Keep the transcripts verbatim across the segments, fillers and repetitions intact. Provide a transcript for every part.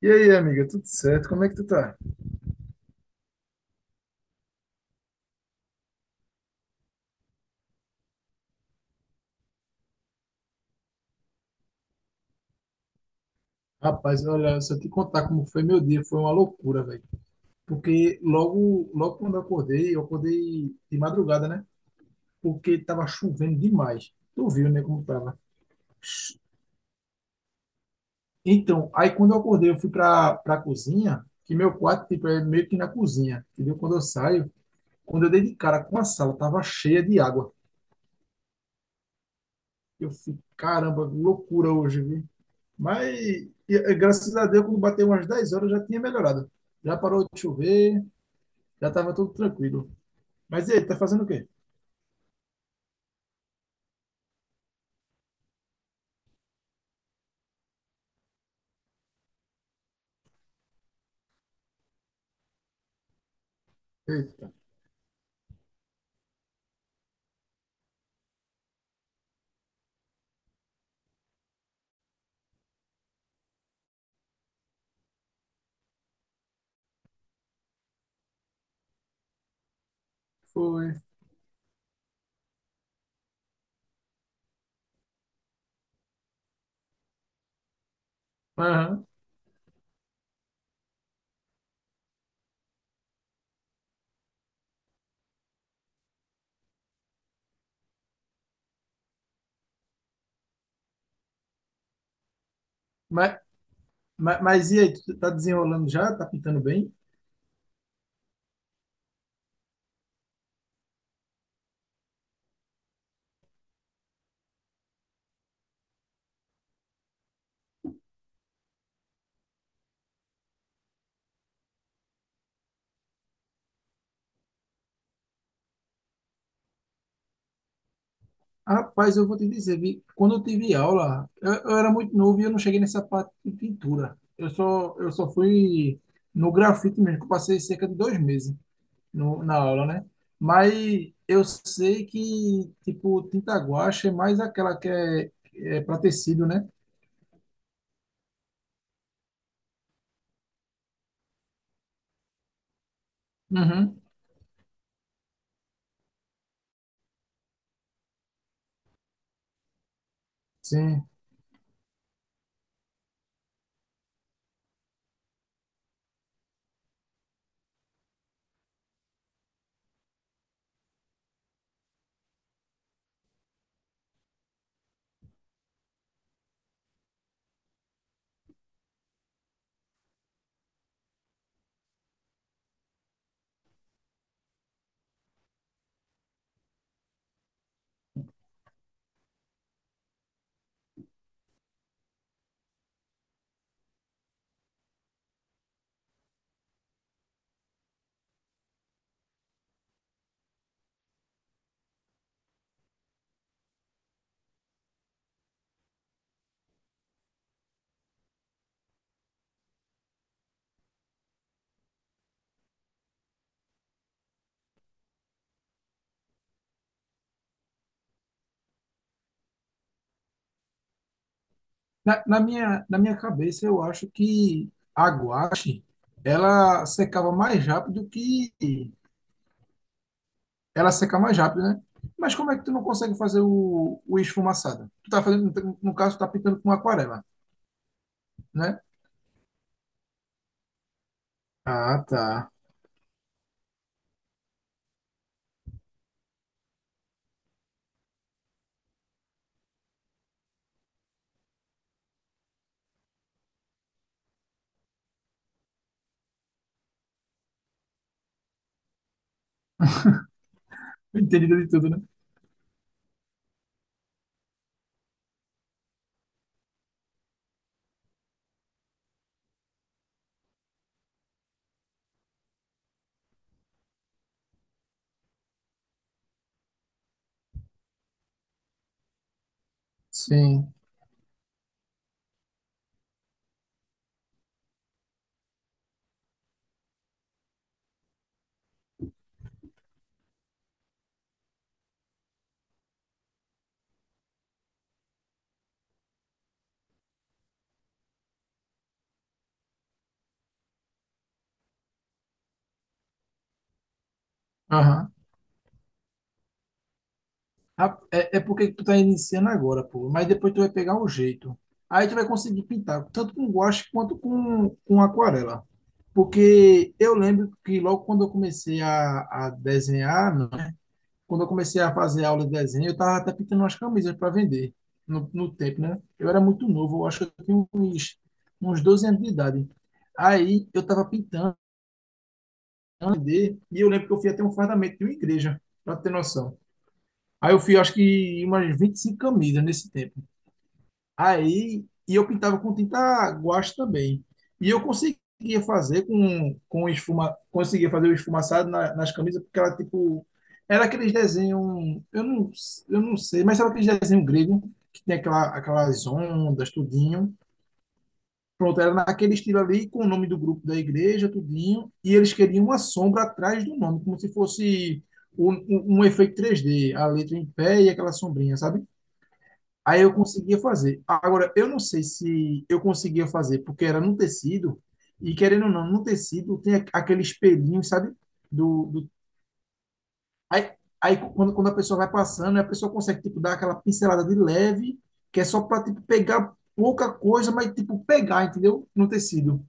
E aí, amiga, tudo certo? Como é que tu tá? Rapaz, olha, se eu te contar como foi meu dia, foi uma loucura, velho. Porque logo, logo quando eu acordei, eu acordei de madrugada, né? Porque tava chovendo demais. Tu viu, né, como tava. Então, aí quando eu acordei, eu fui pra, pra cozinha, que meu quarto, tipo, é meio que na cozinha, entendeu? Quando eu saio, quando eu dei de cara com a sala, tava cheia de água. Eu fui, caramba, loucura hoje, viu? Mas, e- e graças a Deus, quando bateu umas dez horas, já tinha melhorado. Já parou de chover. Já tava tudo tranquilo. Mas e aí, tá fazendo o quê? Eita, foi. Aham. Mas, mas, mas e aí, tu tá desenrolando já? Tá pintando bem? Rapaz, eu vou te dizer, vi, quando eu tive aula, eu, eu era muito novo e eu não cheguei nessa parte de pintura. Eu só, eu só fui no grafite mesmo, que eu passei cerca de dois meses no, na aula, né? Mas eu sei que, tipo, tinta guache é mais aquela que é, é para tecido, né? Uhum. Sim. Na, na minha, na minha cabeça, eu acho que a guache, ela secava mais rápido que. Ela seca mais rápido, né? Mas como é que tu não consegue fazer o, o esfumaçado? Tu tá fazendo, no caso, tu tá pintando com aquarela, né? Ah, tá. Entendido de tudo, né? Sim. Aham. Ah, É, é porque tu tá iniciando agora, pô. Mas depois tu vai pegar o jeito. Aí tu vai conseguir pintar tanto com guache quanto com, com aquarela. Porque eu lembro que logo quando eu comecei a, a desenhar, né? Quando eu comecei a fazer aula de desenho, eu estava até pintando umas camisas para vender no, no tempo, né? Eu era muito novo, eu acho que eu tinha uns, uns doze anos de idade. Aí eu estava pintando pra vender, e eu lembro que eu fui até um fardamento de uma igreja, para ter noção. Aí eu fui, acho que, umas vinte e cinco camisas nesse tempo. Aí, e eu pintava com tinta guache também. E eu conseguia fazer com, com esfuma, conseguia fazer o esfumaçado na- nas camisas, porque ela, tipo, era aqueles desenhos, eu não, eu não sei, mas era aqueles desenhos grego, que tem aquela, aquelas ondas, tudinho. Pronto, era naquele estilo ali, com o nome do grupo da igreja, tudinho. E eles queriam uma sombra atrás do nome, como se fosse um, um, um efeito três d a letra em pé e aquela sombrinha, sabe? Aí eu conseguia fazer. Agora, eu não sei se eu conseguia fazer, porque era no tecido, e querendo ou não, no tecido tem a- aquele espelhinho, sabe? Do, do... Aí, aí quando, quando a pessoa vai passando, a pessoa consegue, tipo, dar aquela pincelada de leve, que é só para, tipo, pegar pouca coisa, mas, tipo, pegar, entendeu? No tecido.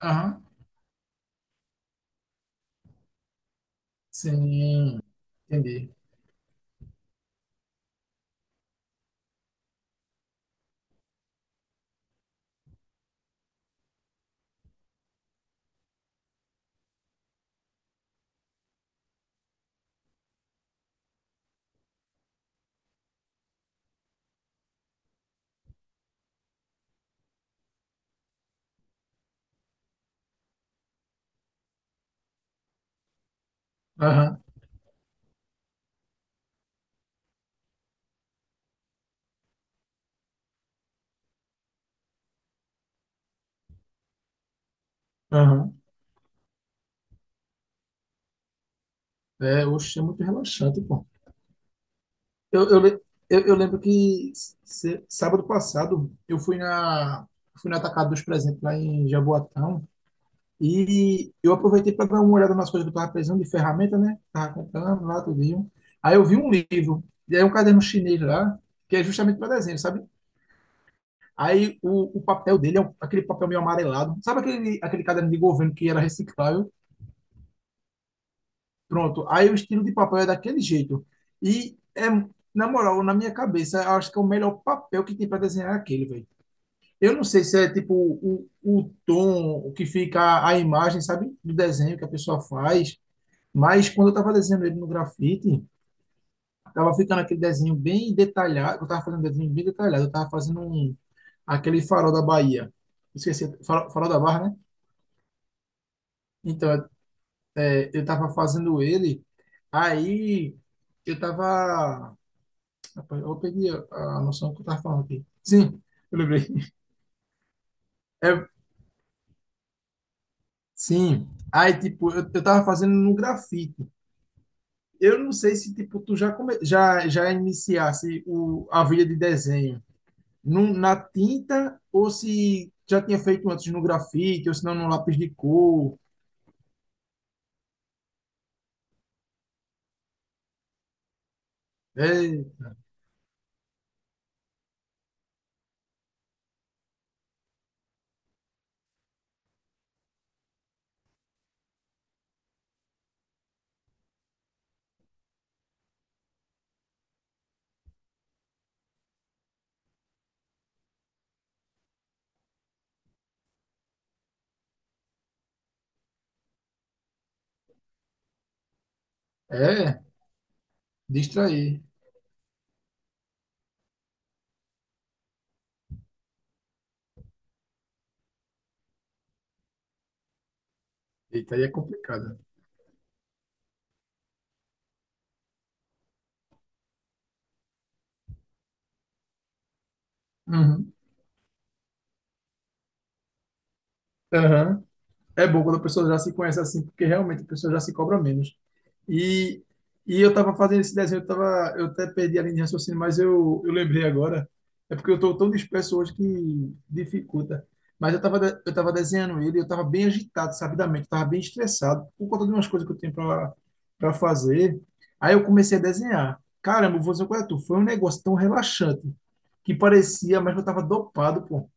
Aham. Sim, entendi. Aham, aham. É, oxe, é muito relaxante, pô. Eu, eu, le- eu, eu lembro que se- sábado passado eu fui na, fui na Atacado dos Presentes lá em Jaboatão e eu aproveitei para dar uma olhada nas coisas que eu estava precisando de ferramenta, né? Estava comprando lá tudinho. Aí eu vi um livro, e aí um caderno chinês lá, que é justamente para desenho, sabe? Aí o, o papel dele é um- aquele papel meio amarelado. Sabe aquele, aquele caderno de governo que era reciclável? Pronto, aí o estilo de papel é daquele jeito. E é, na moral, na minha cabeça, eu acho que é o melhor papel que tem para desenhar é aquele, velho. Eu não sei se é tipo o, o tom o que fica a imagem, sabe, do desenho que a pessoa faz, mas quando eu tava desenhando ele no grafite, tava ficando aquele desenho bem detalhado, eu tava fazendo um desenho bem detalhado, eu tava fazendo um, aquele farol da Bahia. Esqueci, farol, farol da Barra, né? Então, é, eu tava fazendo ele, aí eu tava Rapaz, eu peguei a, a noção que eu tava falando aqui. Sim, eu lembrei. É, sim. Aí, tipo, eu, eu tava fazendo no grafite. Eu não sei se, tipo, tu já, come, já, já iniciasse o, a vida de desenho num- na tinta ou se já tinha feito antes no grafite ou se não no lápis de cor. É, é, distrair. Eita, aí é complicado. Uhum. Aham. É bom quando a pessoa já se conhece assim, porque realmente a pessoa já se cobra menos. E, e eu estava fazendo esse desenho, eu, tava, eu até perdi a linha de raciocínio, mas eu, eu lembrei agora. É porque eu estou tão disperso hoje que dificulta. Mas eu estava eu tava desenhando ele, e eu estava bem agitado, sabidamente, estava bem estressado por conta de umas coisas que eu tenho para fazer. Aí eu comecei a desenhar. Caramba, vou dizer qual é tu. Foi um negócio tão relaxante que parecia, mas eu estava dopado, pô.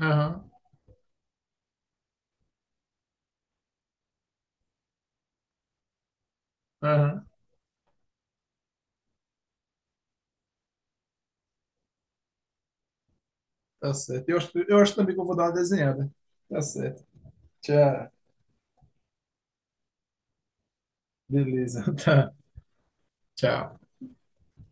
Aham, aham. Tá certo. Eu acho, eu acho também que eu vou dar uma desenhada. Tá certo. Tchau. Beleza. Tá. Tchau.